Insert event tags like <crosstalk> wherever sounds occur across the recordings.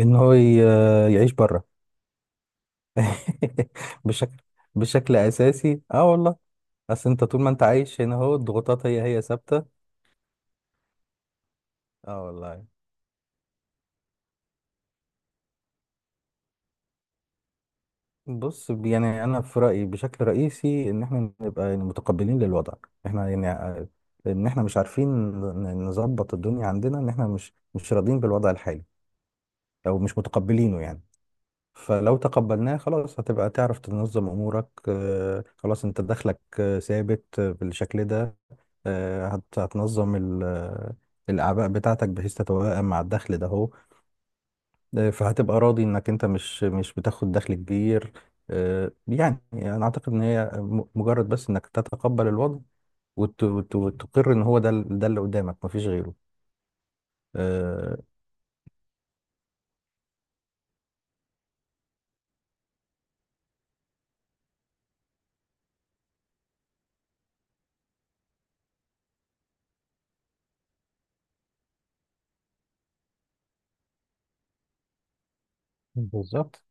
ان هو ي- يعيش بره <laughs> بشكل بشكل اساسي. اه والله اصل انت طول ما انت عايش هنا، هو الضغوطات هي ثابته. اه والله بص، يعني انا في رايي بشكل رئيسي ان احنا نبقى يعني متقبلين للوضع. احنا يعني ع- ان احنا مش عارفين نظبط الدنيا عندنا، ان احنا مش راضيين بالوضع الحالي او مش متقبلينه يعني. فلو تقبلناه خلاص هتبقى تعرف تنظم امورك، خلاص انت دخلك ثابت بالشكل ده. هتنظم الاعباء بتاعتك بحيث تتوائم مع الدخل ده هو. فهتبقى راضي انك انت مش بتاخد دخل كبير. يعني انا اعتقد ان هي مجرد بس انك تتقبل الوضع وتقر ان هو ده ده اللي قدامك مفيش غيره. آه، بالظبط،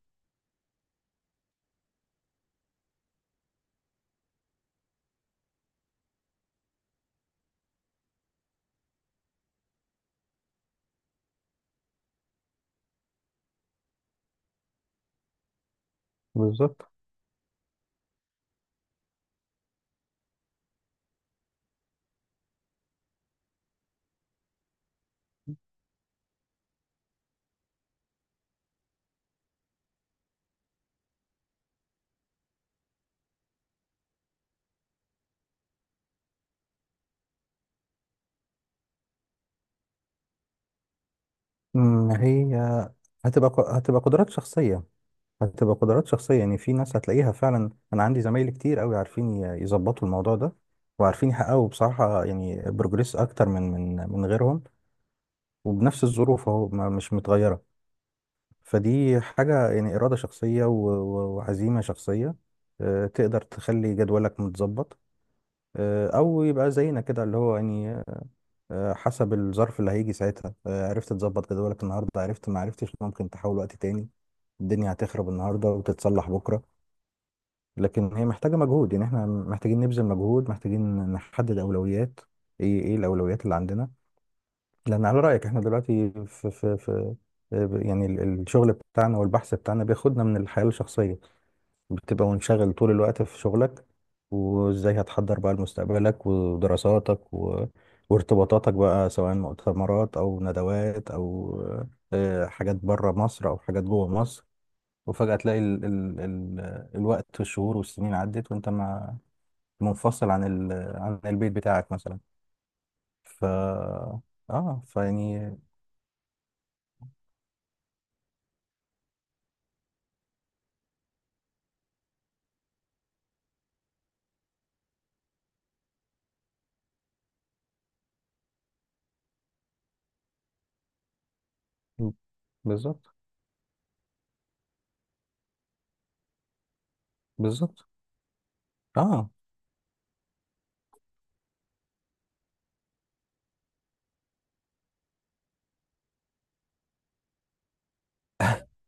بالظبط. مم، هي هتبقى قدرات شخصية. هتبقى قدرات شخصية. يعني في ناس هتلاقيها فعلا، أنا عندي زمايلي كتير أوي عارفين يظبطوا الموضوع ده، وعارفين يحققوا بصراحة يعني بروجريس أكتر من غيرهم وبنفس الظروف أهو مش متغيرة. فدي حاجة يعني إرادة شخصية وعزيمة شخصية. تقدر تخلي جدولك متظبط، أو يبقى زينا كده اللي هو يعني حسب الظرف اللي هيجي ساعتها. عرفت تظبط جدولك النهاردة، عرفت، ما عرفتش ممكن تحاول وقت تاني. الدنيا هتخرب النهاردة وتتصلح بكرة. لكن هي محتاجة مجهود، يعني احنا محتاجين نبذل مجهود، محتاجين نحدد أولويات. ايه، ايه الأولويات اللي عندنا؟ لأن على رأيك احنا دلوقتي في يعني الشغل بتاعنا والبحث بتاعنا بياخدنا من الحياة الشخصية. بتبقى منشغل طول الوقت في شغلك. وازاي هتحضر بقى لمستقبلك ودراساتك و... وارتباطاتك بقى، سواء مؤتمرات أو ندوات أو حاجات بره مصر أو حاجات جوه مصر. وفجأة تلاقي ال ال ال الوقت والشهور والسنين عدت، وانت ما منفصل عن ال... عن البيت بتاعك مثلا. ف اه فيعني بالظبط، بالظبط. اه.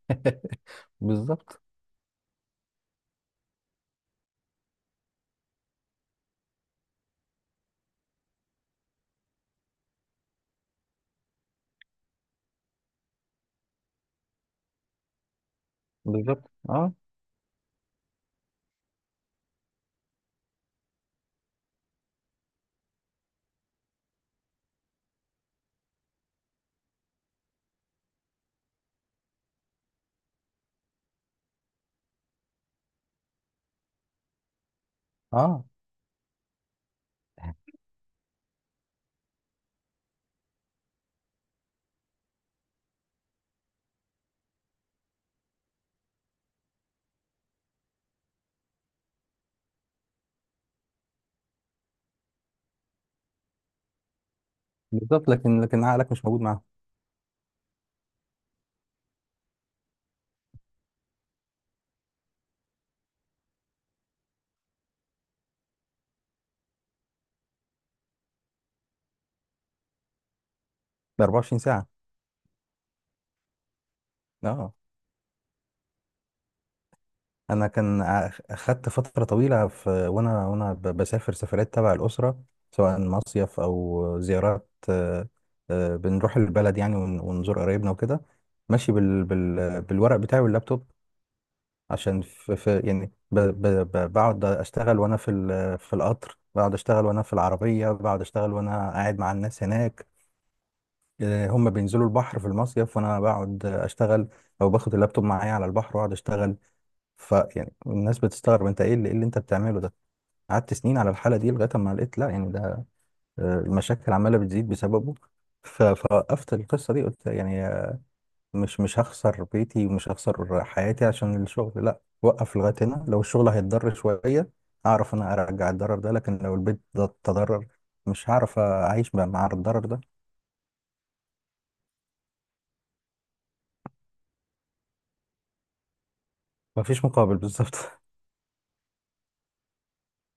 <laughs> بالظبط، بالظبط. اه، اه، بالظبط. لكن عقلك مش موجود معاهم. ده 24 ساعة. اه، انا اخدت فترة طويلة، في وانا بسافر سفرات تبع الأسرة، سواء مصيف او زيارات. بنروح البلد يعني ونزور قرايبنا وكده، ماشي بال... بال... بالورق بتاعي واللابتوب. عشان في، في يعني ب ب ب بقعد اشتغل وانا في في القطر، بقعد اشتغل وانا في العربيه، بقعد اشتغل وانا قاعد مع الناس هناك. هم بينزلوا البحر في المصيف وانا بقعد اشتغل، او باخد اللابتوب معايا على البحر واقعد اشتغل. فيعني الناس بتستغرب، انت ايه اللي، إيه اللي انت بتعمله ده؟ قعدت سنين على الحاله دي لغايه ما لقيت لا يعني ده المشاكل عماله بتزيد بسببه. فوقفت القصه دي، قلت يعني مش هخسر بيتي ومش هخسر حياتي عشان الشغل. لا، وقف لغاية هنا. لو الشغل هيتضرر شوية أعرف أنا أرجع الضرر ده، لكن لو البيت ده تضرر مش هعرف أعيش بقى مع الضرر ده. مفيش مقابل بالظبط. <laughs>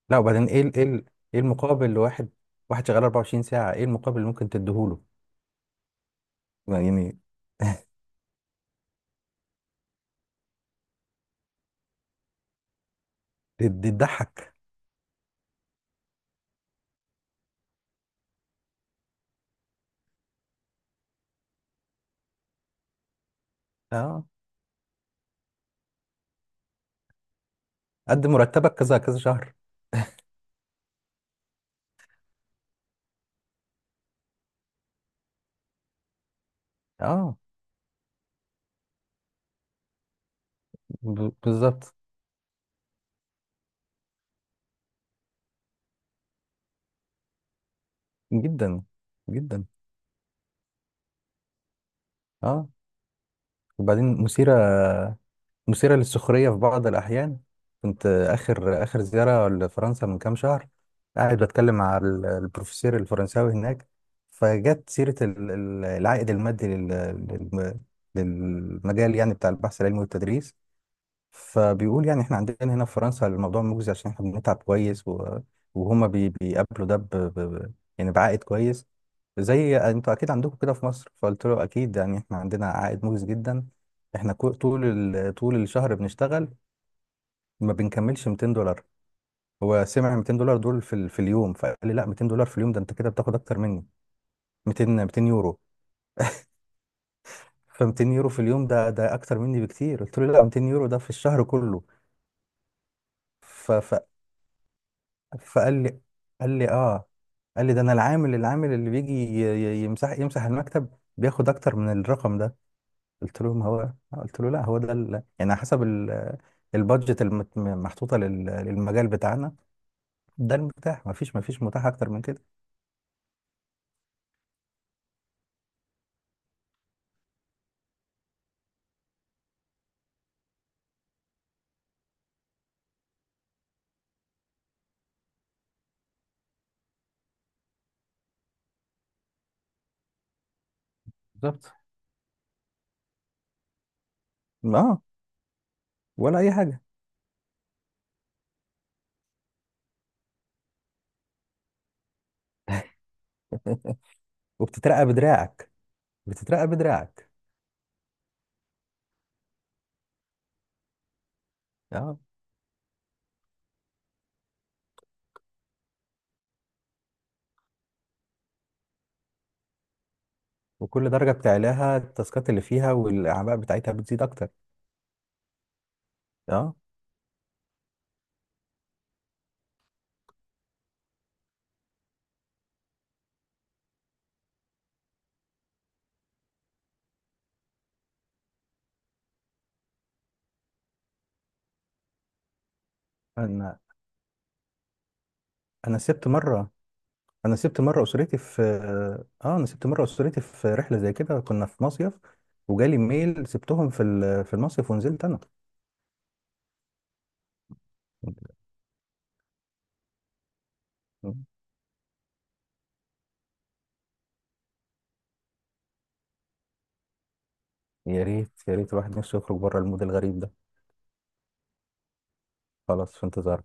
لا، وبعدين إيه إيه إيه المقابل لواحد، واحد شغال 24 ساعة، إيه المقابل اللي ممكن تديهوله يعني؟ <laughs> دي تضحك. أه، قد مرتبك كذا كذا شهر. أه، بالظبط. جدا، جدا. أه، وبعدين مثيرة، مثيرة للسخرية في بعض الأحيان. كنت آخر زيارة لفرنسا من كام شهر، قاعد بتكلم مع البروفيسور الفرنساوي هناك. فجت سيرة العائد المادي للمجال يعني بتاع البحث العلمي والتدريس. فبيقول يعني احنا عندنا هنا في فرنسا الموضوع مجزي عشان احنا بنتعب كويس و... وهما بي... بيقابلوا ده يعني بعائد كويس. زي انتوا اكيد عندكم كده في مصر. فقلت له اكيد يعني احنا عندنا عائد مجزي جدا، احنا كو... طول ال... طول الشهر بنشتغل ما بنكملش 200$. هو سمع 200$ دول في، ال... في اليوم. فقال لي لا 200$ في اليوم ده انت كده بتاخد اكتر مني. 200 يورو. ف 200 يورو في اليوم ده ده اكتر مني بكتير. قلت له لا، 200 يورو ده في الشهر كله. ف... ف... فقال لي، قال لي اه، قال لي ده انا العامل، العامل اللي بيجي يمسح، يمسح المكتب بياخد اكتر من الرقم ده. قلت له ما هو، قلت له لا هو ده ال... يعني على حسب ال... البادجت المحطوطه لل... للمجال بتاعنا، ده المتاح، ما فيش، ما فيش متاح اكتر من كده. بالظبط. اه، ولا اي حاجه. وبتترقى بدراعك، بتترقى بدراعك. اه. وكل درجه بتعلاها التاسكات اللي فيها والاعباء بتاعتها بتزيد اكتر. اه، انا انا سبت مره سبت مره اسرتي في، اه انا سبت مره اسرتي في رحله زي كده، كنا في مصيف وجالي ميل سبتهم في في المصيف ونزلت انا. يا ريت، يا ريت الواحد نفسه يخرج بره المود الغريب ده. خلاص، في انتظار.